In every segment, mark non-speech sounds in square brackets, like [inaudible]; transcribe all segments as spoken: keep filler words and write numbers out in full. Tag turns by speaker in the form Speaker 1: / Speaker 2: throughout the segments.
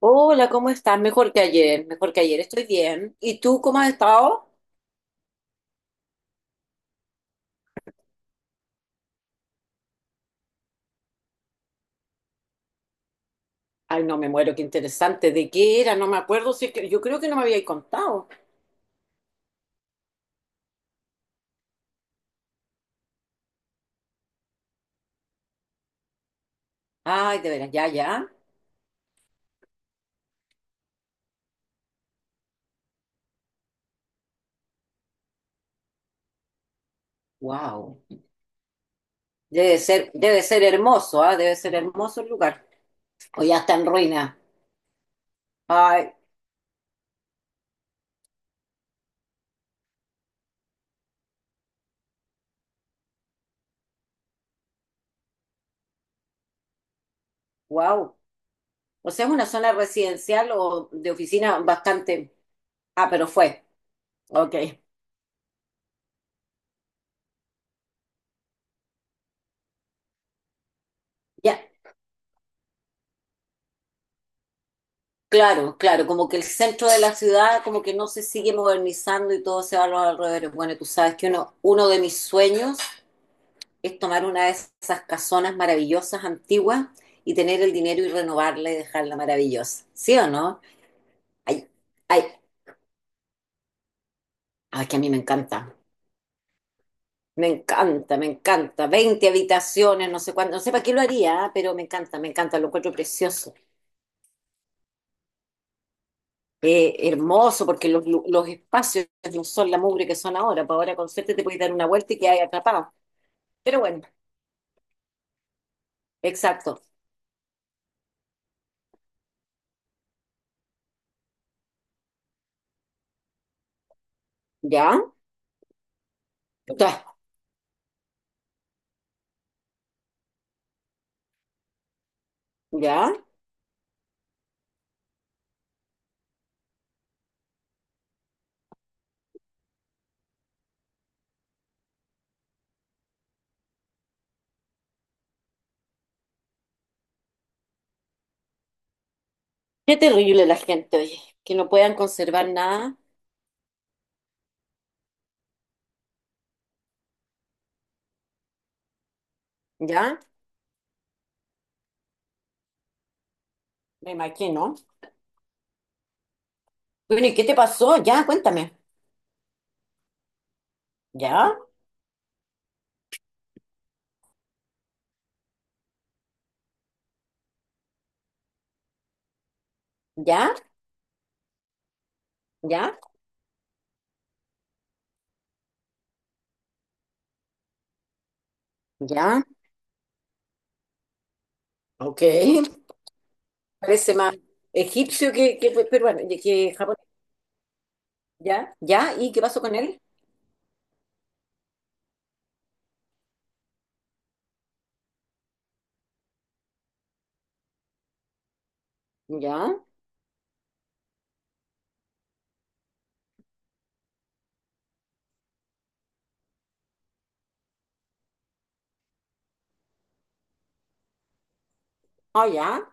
Speaker 1: Hola, ¿cómo estás? Mejor que ayer, mejor que ayer, estoy bien. ¿Y tú cómo has estado? Ay, no me muero, qué interesante. ¿De qué era? No me acuerdo, si es que yo creo que no me habíais contado. Ay, de veras, ya, ya. Wow. Debe ser, debe ser hermoso, ¿ah? Debe ser hermoso el lugar. O ya está en ruina. Ay, wow. O sea, es una zona residencial o de oficina bastante. Ah, pero fue. Ok. Ya. Claro, claro, como que el centro de la ciudad como que no se sigue modernizando y todo se va a los alrededores. Bueno, tú sabes que uno, uno de mis sueños es tomar una de esas casonas maravillosas antiguas y tener el dinero y renovarla y dejarla maravillosa. ¿Sí o no? Ay, ay, ay, que a mí me encanta. Me encanta, me encanta. Veinte habitaciones, no sé cuánto, no sé para qué lo haría, ah, pero me encanta, me encanta, lo encuentro precioso. Eh, hermoso, porque los, lu- los espacios no son la mugre que son ahora, pues ahora con suerte te puedes dar una vuelta y quedas atrapado. Pero bueno, exacto. ¿Ya? Ta, ¿ya? Qué terrible la gente, oye, que no puedan conservar nada. ¿Ya? Me imagino. Bueno, ¿y qué te pasó? Ya, cuéntame. ¿Ya? ¿Ya? ¿Ya? ¿Ya? Ok. Parece más egipcio que, que peruano, que japonés. ¿Ya? ¿Ya? ¿Y qué pasó con él? ¿Ya? Ah, ya.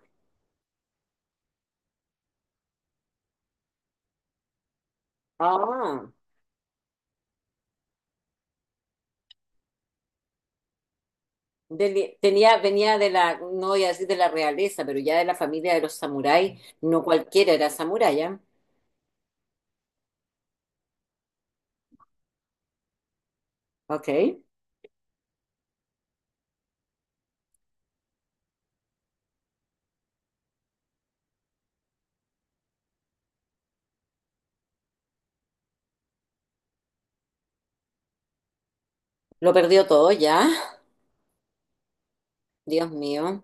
Speaker 1: Ah. Del- tenía, venía de la, no voy a decir de la realeza, pero ya de la familia de los samuráis, no cualquiera era samurái, ¿ya? Ok. Lo perdió todo, ¿ya? Dios mío,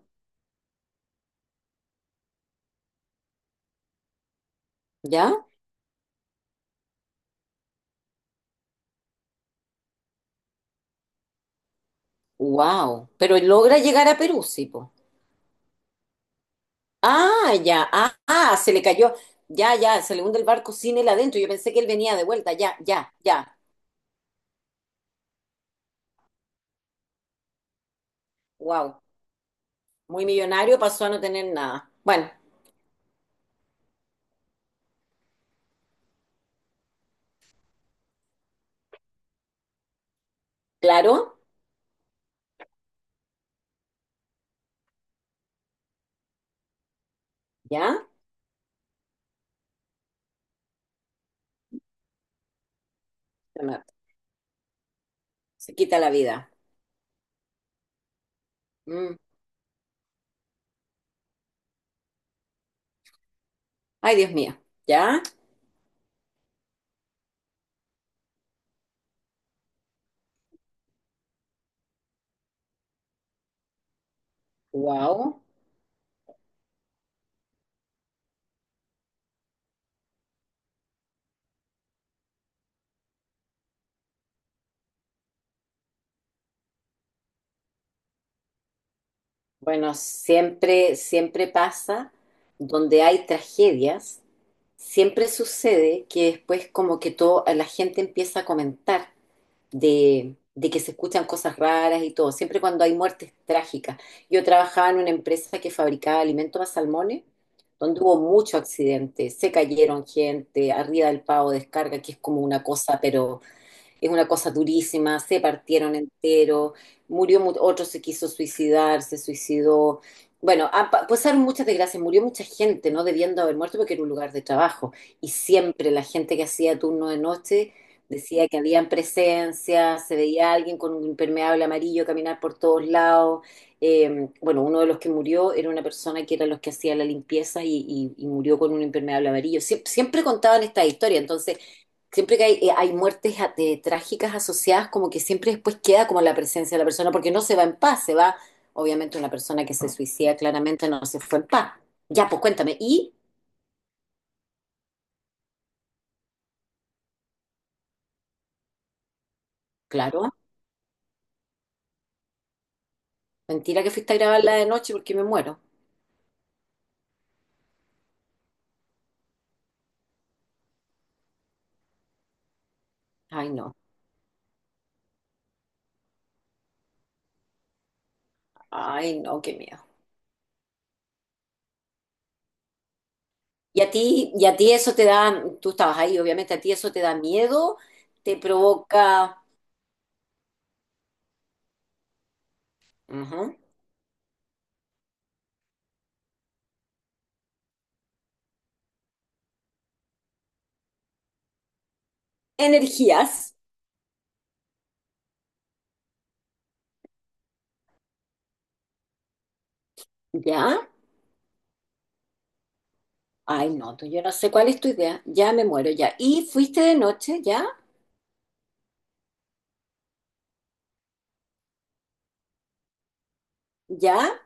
Speaker 1: ¿ya? Wow. Pero logra llegar a Perú, sí, po. Ah, ya, ah, ah, se le cayó, ya, ya, se le hunde el barco sin él adentro. Yo pensé que él venía de vuelta, ya, ya, ya. Wow. Muy millonario, pasó a no tener nada. Bueno, claro, ¿ya? Se mata, se quita la vida. Mm. Ay, Dios mío, ¿ya? Wow. Bueno, siempre, siempre pasa donde hay tragedias, siempre sucede que después como que todo, la gente empieza a comentar de, de que se escuchan cosas raras y todo, siempre cuando hay muertes trágicas. Yo trabajaba en una empresa que fabricaba alimentos para salmones, donde hubo mucho accidente, se cayeron gente, arriba del pavo de descarga, que es como una cosa, pero es una cosa durísima, se partieron entero, murió, mu- otro se quiso suicidar, se suicidó. Bueno, ha pa- pasaron muchas desgracias, murió mucha gente, no debiendo haber muerto porque era un lugar de trabajo. Y siempre la gente que hacía turno de noche decía que habían presencia, se veía alguien con un impermeable amarillo caminar por todos lados. Eh, bueno, uno de los que murió era una persona que era los que hacía la limpieza y, y- y murió con un impermeable amarillo. Sie- siempre contaban esta historia, entonces siempre que hay, eh, hay muertes a- de- trágicas asociadas, como que siempre después queda como la presencia de la persona, porque no se va en paz, se va, obviamente una persona que se suicida claramente no se fue en paz. Ya, pues cuéntame. Y, claro, mentira que fuiste a grabarla de noche porque me muero. Ay, no, ay, no, qué miedo. Y a ti, y a ti eso te da, tú estabas ahí, obviamente, a ti eso te da miedo, te provoca, ujú, energías, ¿ya? Ay, no, tú- yo no sé cuál es tu idea, ya me muero, ya. Y fuiste de noche, ¿ya? ¿Ya?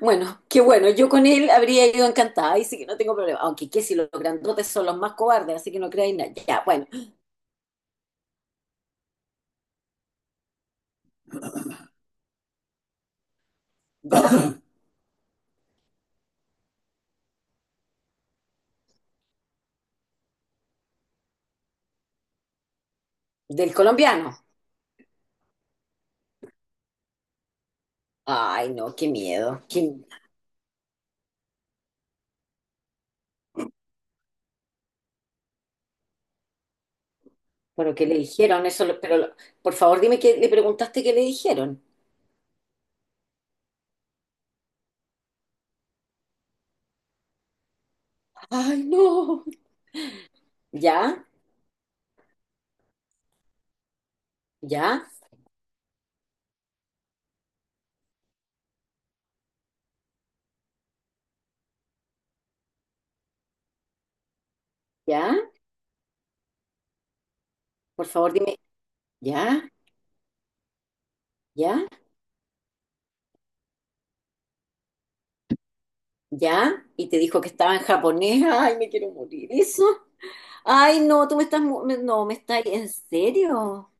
Speaker 1: Bueno, qué bueno, yo con él habría ido encantada, ahí sí que no tengo problema. Aunque qué si los grandotes son los más cobardes, así que no creáis nada. Ya, bueno, [coughs] [clears throat] del colombiano. Ay, no, qué miedo. Qué... Bueno, ¿qué le dijeron? Eso, lo- pero lo- por favor dime que le preguntaste qué le dijeron. Ay, no. Ya, ya, ya. Por favor dime, ya, ya, ya. Y te dijo que estaba en japonés. Ay, me quiero morir. ¿Eso? Ay, no, tú me estás, mu- me- no, me estás, ¿en serio?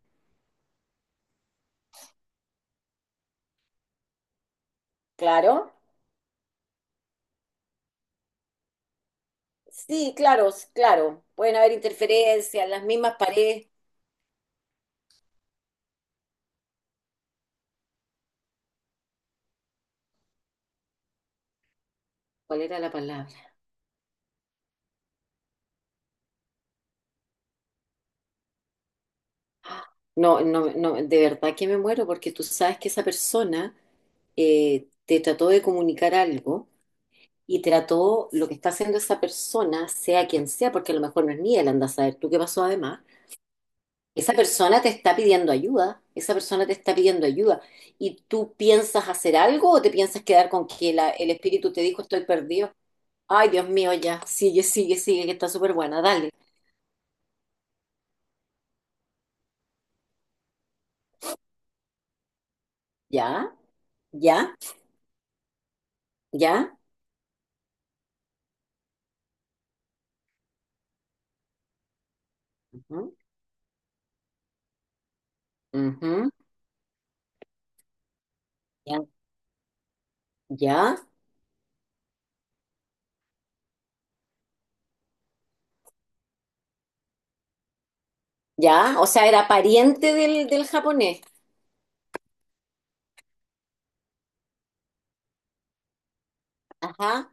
Speaker 1: Claro. Sí, claro, s- claro. Pueden haber interferencias, las mismas paredes. ¿Cuál era la palabra? Ah, no, no, no, de verdad que me muero porque tú sabes que esa persona, eh, te trató de comunicar algo y trató lo que está haciendo esa persona, sea quien sea, porque a lo mejor no es ni él, anda a saber tú qué pasó además. Esa persona te está pidiendo ayuda, esa persona te está pidiendo ayuda. ¿Y tú piensas hacer algo o te piensas quedar con que la- el espíritu te dijo estoy perdido? Ay, Dios mío, ya. Sigue, sigue, sigue, que está súper buena. Dale. Ya, ya, ya. Ujú, ujú, ya, ya, ya. O sea, era pariente del, del japonés. Ajá,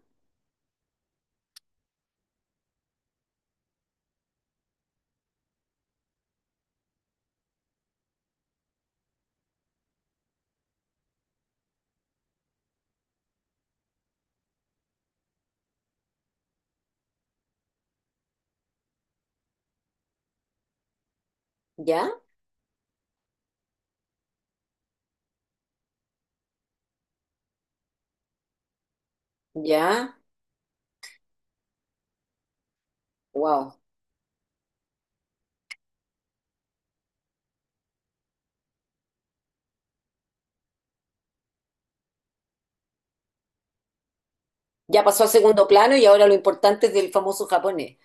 Speaker 1: ya, ya. Wow. Ya pasó a segundo plano y ahora lo importante es del famoso japonés.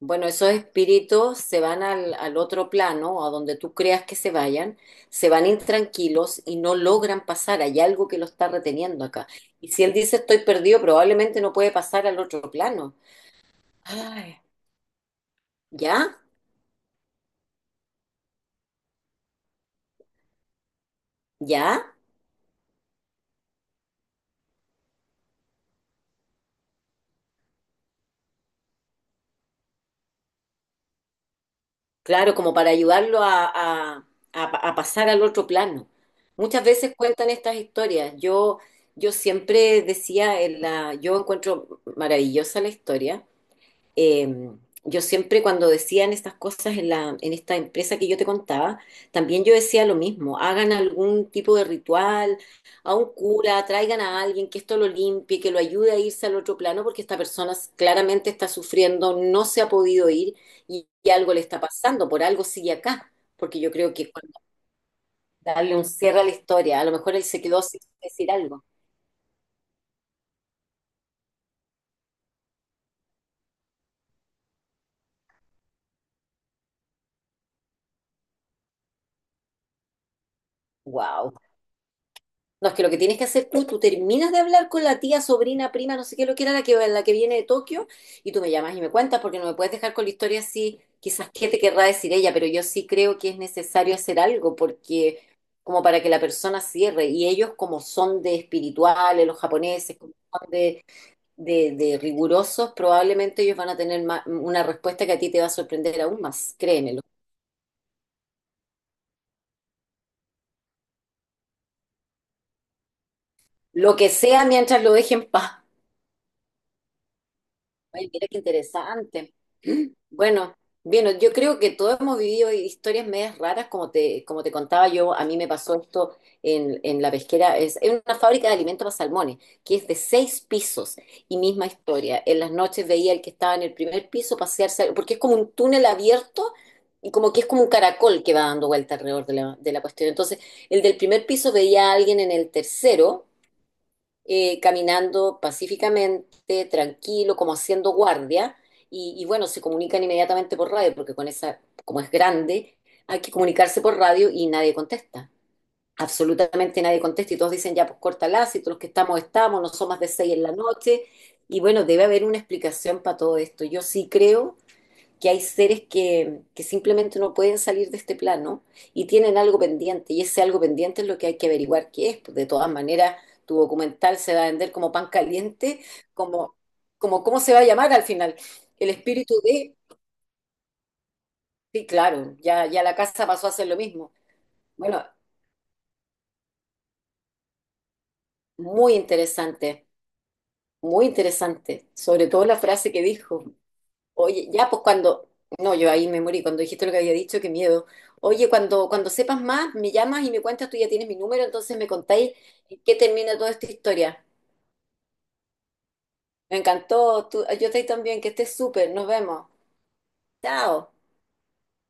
Speaker 1: Bueno, esos espíritus se van al, al otro plano, a donde tú creas que se vayan, se van intranquilos y no logran pasar. Hay algo que lo está reteniendo acá. Y si él dice estoy perdido, probablemente no puede pasar al otro plano. Ay, ¿ya? ¿Ya? Claro, como para ayudarlo a, a- a pa- a pasar al otro plano. Muchas veces cuentan estas historias. Yo, yo siempre decía, en la, yo encuentro maravillosa la historia, eh, yo siempre cuando decían estas cosas, en la, en esta empresa que yo te contaba, también yo decía lo mismo, hagan algún tipo de ritual, a un cura, traigan a alguien que esto lo limpie, que lo ayude a irse al otro plano, porque esta persona claramente está sufriendo, no se ha podido ir y, y algo le está pasando, por algo sigue acá, porque yo creo que cuando darle un cierre a la historia, a lo mejor él se quedó sin decir algo. Wow. No, es que lo que tienes que hacer tú. Tú terminas de hablar con la tía, sobrina, prima, no sé qué, lo que era la que, la que viene de Tokio, y tú me llamas y me cuentas, porque no me puedes dejar con la historia así, quizás qué te querrá decir ella, pero yo sí creo que es necesario hacer algo, porque como para que la persona cierre, y ellos como son de espirituales, los japoneses, como son de, de, de rigurosos, probablemente ellos van a tener ma- una respuesta que a ti te va a sorprender aún más, créemelo. Lo que sea mientras lo dejen en paz. Ay, mira qué interesante. [clears throat] Bueno, bien, yo creo que todos hemos vivido historias medias raras, como te, como te contaba yo, a mí me pasó esto en, en la pesquera, es en una fábrica de alimentos para salmones, que es de seis pisos, y misma historia. En las noches veía el que estaba en el primer piso pasearse, porque es como un túnel abierto y como que es como un caracol que va dando vuelta alrededor de la, de la, cuestión. Entonces, el del primer piso veía a alguien en el tercero, eh, caminando pacíficamente, tranquilo, como haciendo guardia, y, y bueno, se comunican inmediatamente por radio, porque con esa, como es grande, hay que comunicarse por radio y nadie contesta. Absolutamente nadie contesta y todos dicen ya, pues córtala, si todos los que estamos estamos, no son más de seis en la noche. Y bueno, debe haber una explicación para todo esto. Yo sí creo que hay seres que, que simplemente no pueden salir de este plano y tienen algo pendiente, y ese algo pendiente es lo que hay que averiguar qué es. Pues de todas maneras, tu documental se va a vender como pan caliente, como, como cómo se va a llamar al final. El espíritu de... Sí, claro, ya, ya la casa pasó a hacer lo mismo. Bueno, muy interesante, muy interesante, sobre todo la frase que dijo. Oye, ya pues cuando, no, yo ahí me morí, cuando dijiste lo que había dicho, qué miedo. Oye, cuando, cuando, sepas más, me llamas y me cuentas, tú ya tienes mi número, entonces me contáis en qué termina toda esta historia. Me encantó, tú, yo estoy también, que estés súper, nos vemos. Chao.